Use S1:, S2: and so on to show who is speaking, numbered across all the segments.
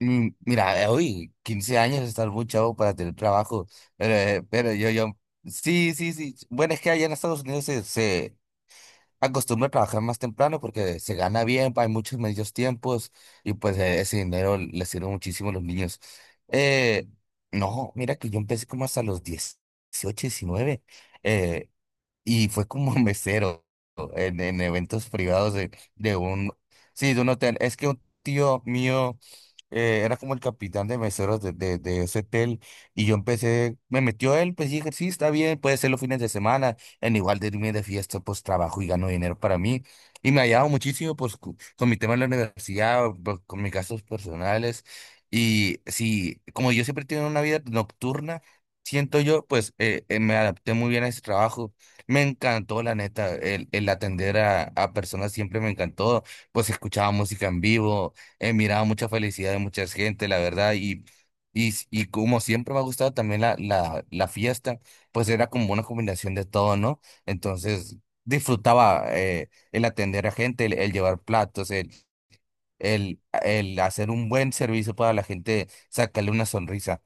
S1: 15 años estar muy chavo para tener trabajo, pero, pero yo, sí, sí, sí. Bueno, es que allá en Estados Unidos se acostumbra a trabajar más temprano porque se gana bien, hay muchos medios tiempos y pues ese dinero le sirve muchísimo a los niños. Eh, no, mira que yo empecé como hasta los 18, 19 eh, y fue como mesero en eventos privados de un, sí, de un hotel. Es que un tío mío era como el capitán de meseros de ese hotel y yo empecé, me metió él, pues dije, sí, está bien, puede ser los fines de semana, en igual de irme de fiesta, pues trabajo y gano dinero para mí. Y me ha ayudado muchísimo, pues, con mi tema en la universidad, pues, con mis gastos personales. Y sí, como yo siempre he tenido una vida nocturna, siento yo, pues, me adapté muy bien a ese trabajo. Me encantó, la neta, el atender a personas siempre me encantó. Pues escuchaba música en vivo. He mirado mucha felicidad de mucha gente, la verdad, y, y como siempre me ha gustado también la fiesta, pues era como una combinación de todo, ¿no? Entonces disfrutaba el atender a gente, el llevar platos, el hacer un buen servicio para la gente, sacarle una sonrisa.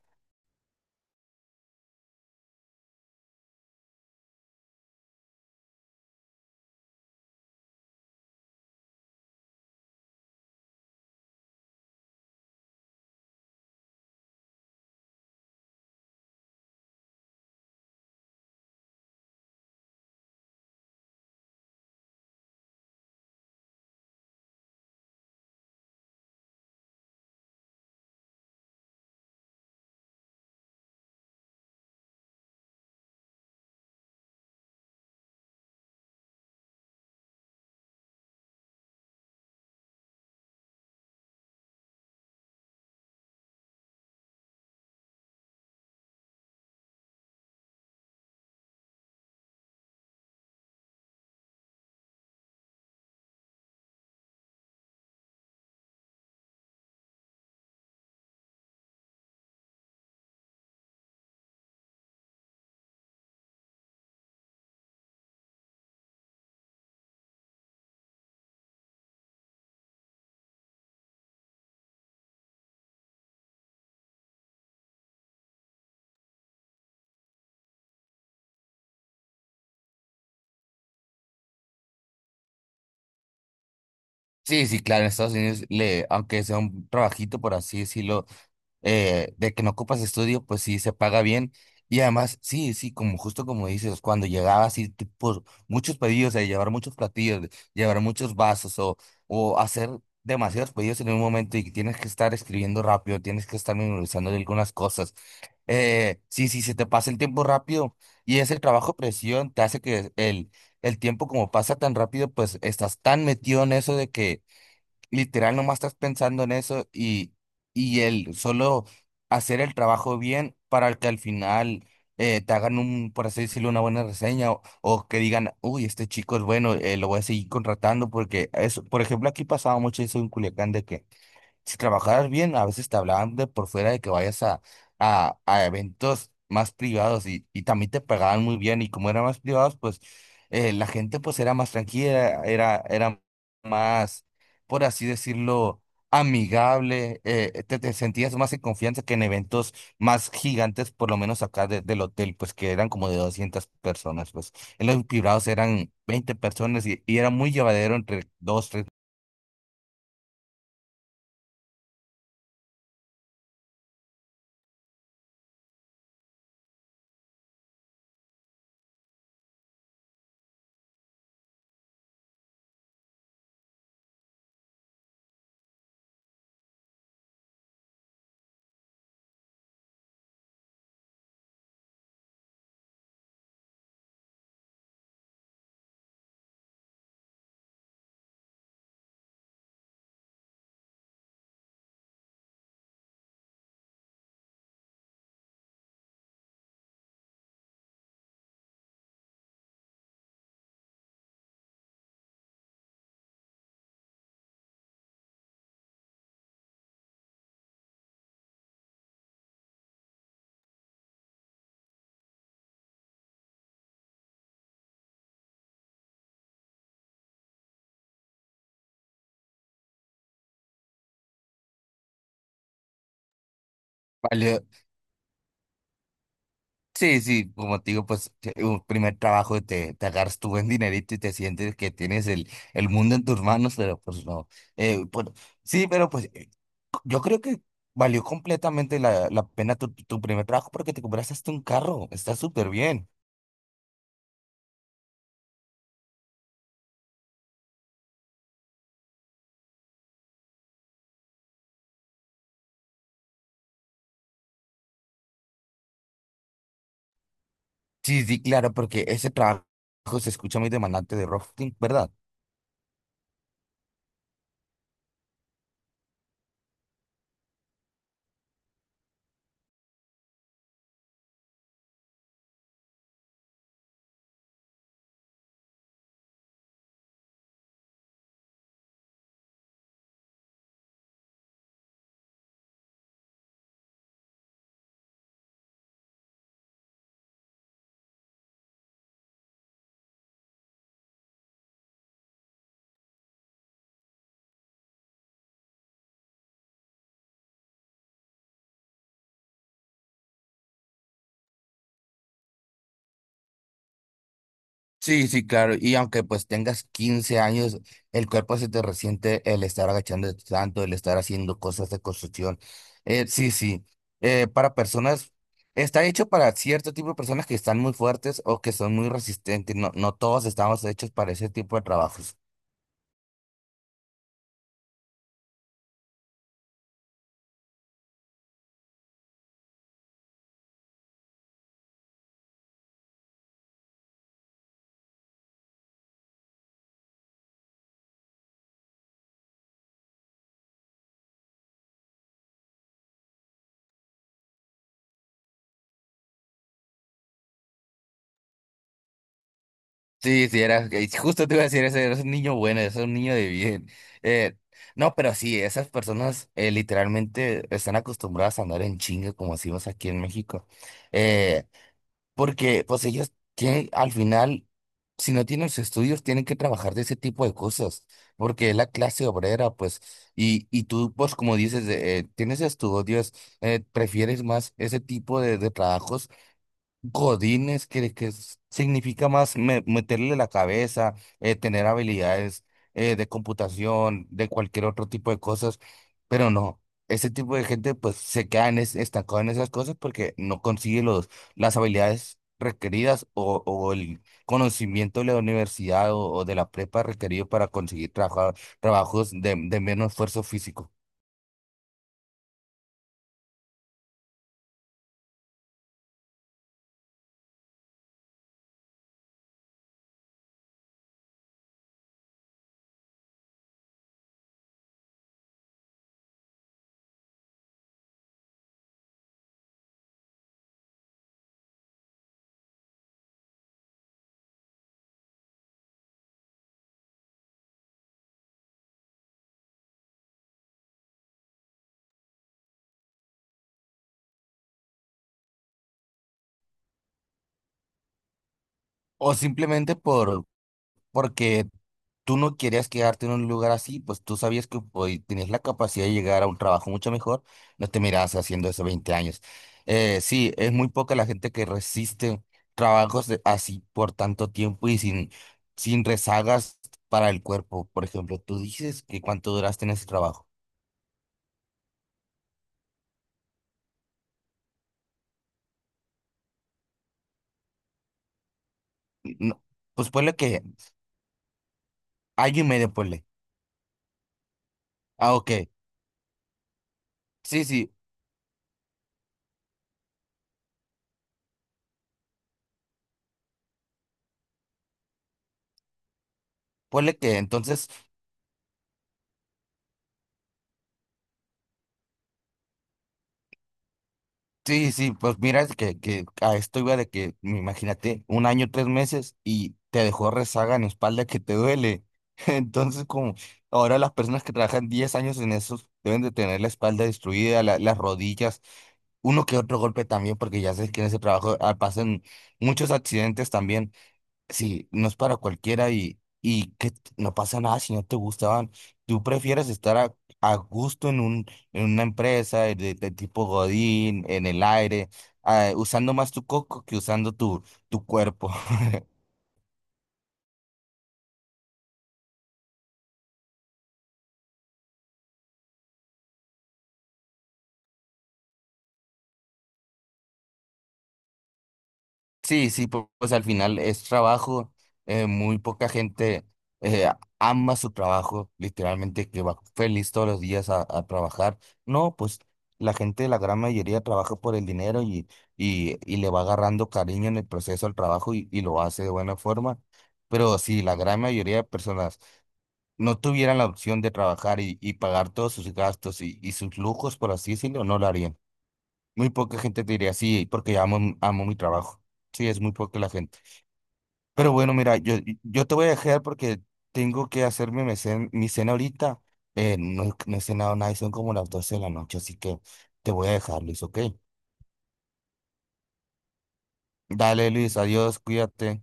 S1: Sí, sí, claro, en Estados Unidos, le, aunque sea un trabajito, por así decirlo, de que no ocupas estudio, pues sí, se paga bien. Y además, sí, sí, como justo como dices, cuando llegabas y por muchos pedidos, llevar muchos platillos, llevar muchos vasos o hacer demasiados pedidos en un momento y que tienes que estar escribiendo rápido, tienes que estar memorizando de algunas cosas. Sí, sí, se te pasa el tiempo rápido y ese trabajo presión te hace que el tiempo como pasa tan rápido, pues estás tan metido en eso de que literal nomás estás pensando en eso y el solo hacer el trabajo bien para que al final te hagan un, por así decirlo, una buena reseña o que digan, uy, este chico es bueno, lo voy a seguir contratando porque eso, por ejemplo, aquí pasaba mucho eso en Culiacán de que si trabajaras bien, a veces te hablaban de por fuera de que vayas a, a eventos más privados y también te pagaban muy bien y como eran más privados, pues la gente pues era más tranquila, era, era más, por así decirlo, amigable, te sentías más en confianza que en eventos más gigantes, por lo menos acá del hotel, pues que eran como de 200 personas, pues en los privados eran 20 personas y era muy llevadero entre dos, tres. Sí, sí, como te digo, pues un primer trabajo te agarras tu buen dinerito y te sientes que tienes el mundo en tus manos, pero pues no. Pues, sí, pero pues yo creo que valió completamente la pena tu primer trabajo porque te compraste hasta un carro, está súper bien. Sí, sí, claro, porque ese trabajo se escucha muy demandante de rafting, ¿verdad? Sí, sí, claro. Y aunque pues tengas 15 años, el cuerpo se te resiente el estar agachando tanto, el estar haciendo cosas de construcción. Sí, sí. Eh, para personas, Está hecho para cierto tipo de personas que están muy fuertes o que son muy resistentes. No, no todos estamos hechos para ese tipo de trabajos. Sí, sí, era, justo te iba a decir, ese eres un niño bueno, eres un niño de bien. Eh, no, pero sí, esas personas literalmente están acostumbradas a andar en chinga, como decimos aquí en México. Eh, Porque pues ellos tienen, al final, si no tienen sus estudios, tienen que trabajar de ese tipo de cosas, porque es la clase obrera, pues, y tú, pues, como dices, tienes estudios, prefieres más ese tipo de trabajos Godines, que significa más meterle la cabeza, tener habilidades de computación, de cualquier otro tipo de cosas, pero no, ese tipo de gente pues se queda en estancado en esas cosas porque no consigue las habilidades requeridas o el conocimiento de la universidad o de la prepa requerido para conseguir trabajar, trabajos de menos esfuerzo físico. O simplemente por, porque tú no querías quedarte en un lugar así, pues tú sabías que hoy tenías la capacidad de llegar a un trabajo mucho mejor, no te mirabas haciendo eso 20 años. Sí, es muy poca la gente que resiste trabajos así por tanto tiempo y sin, sin rezagas para el cuerpo. Por ejemplo, tú dices que cuánto duraste en ese trabajo. No, pues ponle que año y medio, ponle. Ah, ok. Sí, sí, ponle que entonces sí, sí, pues mira, es que a esto iba de que, mm, imagínate, un año, tres meses y te dejó rezaga en espalda que te duele. Entonces, como ahora las personas que trabajan 10 años en eso deben de tener la espalda destruida, las rodillas, uno que otro golpe también, porque ya sabes que en ese trabajo ah, pasan muchos accidentes también. Sí, no es para cualquiera y que no pasa nada si no te gustaban. Tú prefieres estar a gusto en un, en una empresa de tipo Godín, en el aire, ah, usando más tu coco que usando tu, tu cuerpo. Sí, sí, pues, al final es trabajo, muy poca gente eh, ama su trabajo, literalmente que va feliz todos los días a trabajar. No, pues la gente, la gran mayoría trabaja por el dinero y, y le va agarrando cariño en el proceso al trabajo y lo hace de buena forma. Pero si la gran mayoría de personas no tuvieran la opción de trabajar y pagar todos sus gastos y sus lujos, por así decirlo, no lo harían. Muy poca gente te diría, sí, porque amo, amo mi trabajo. Sí, es muy poca la gente. Pero bueno, mira, yo te voy a dejar porque tengo que hacerme mi mi cena, ahorita. No, no he cenado nada y son como las 12 de la noche, así que te voy a dejar, Luis, ¿ok? Dale, Luis, adiós, cuídate.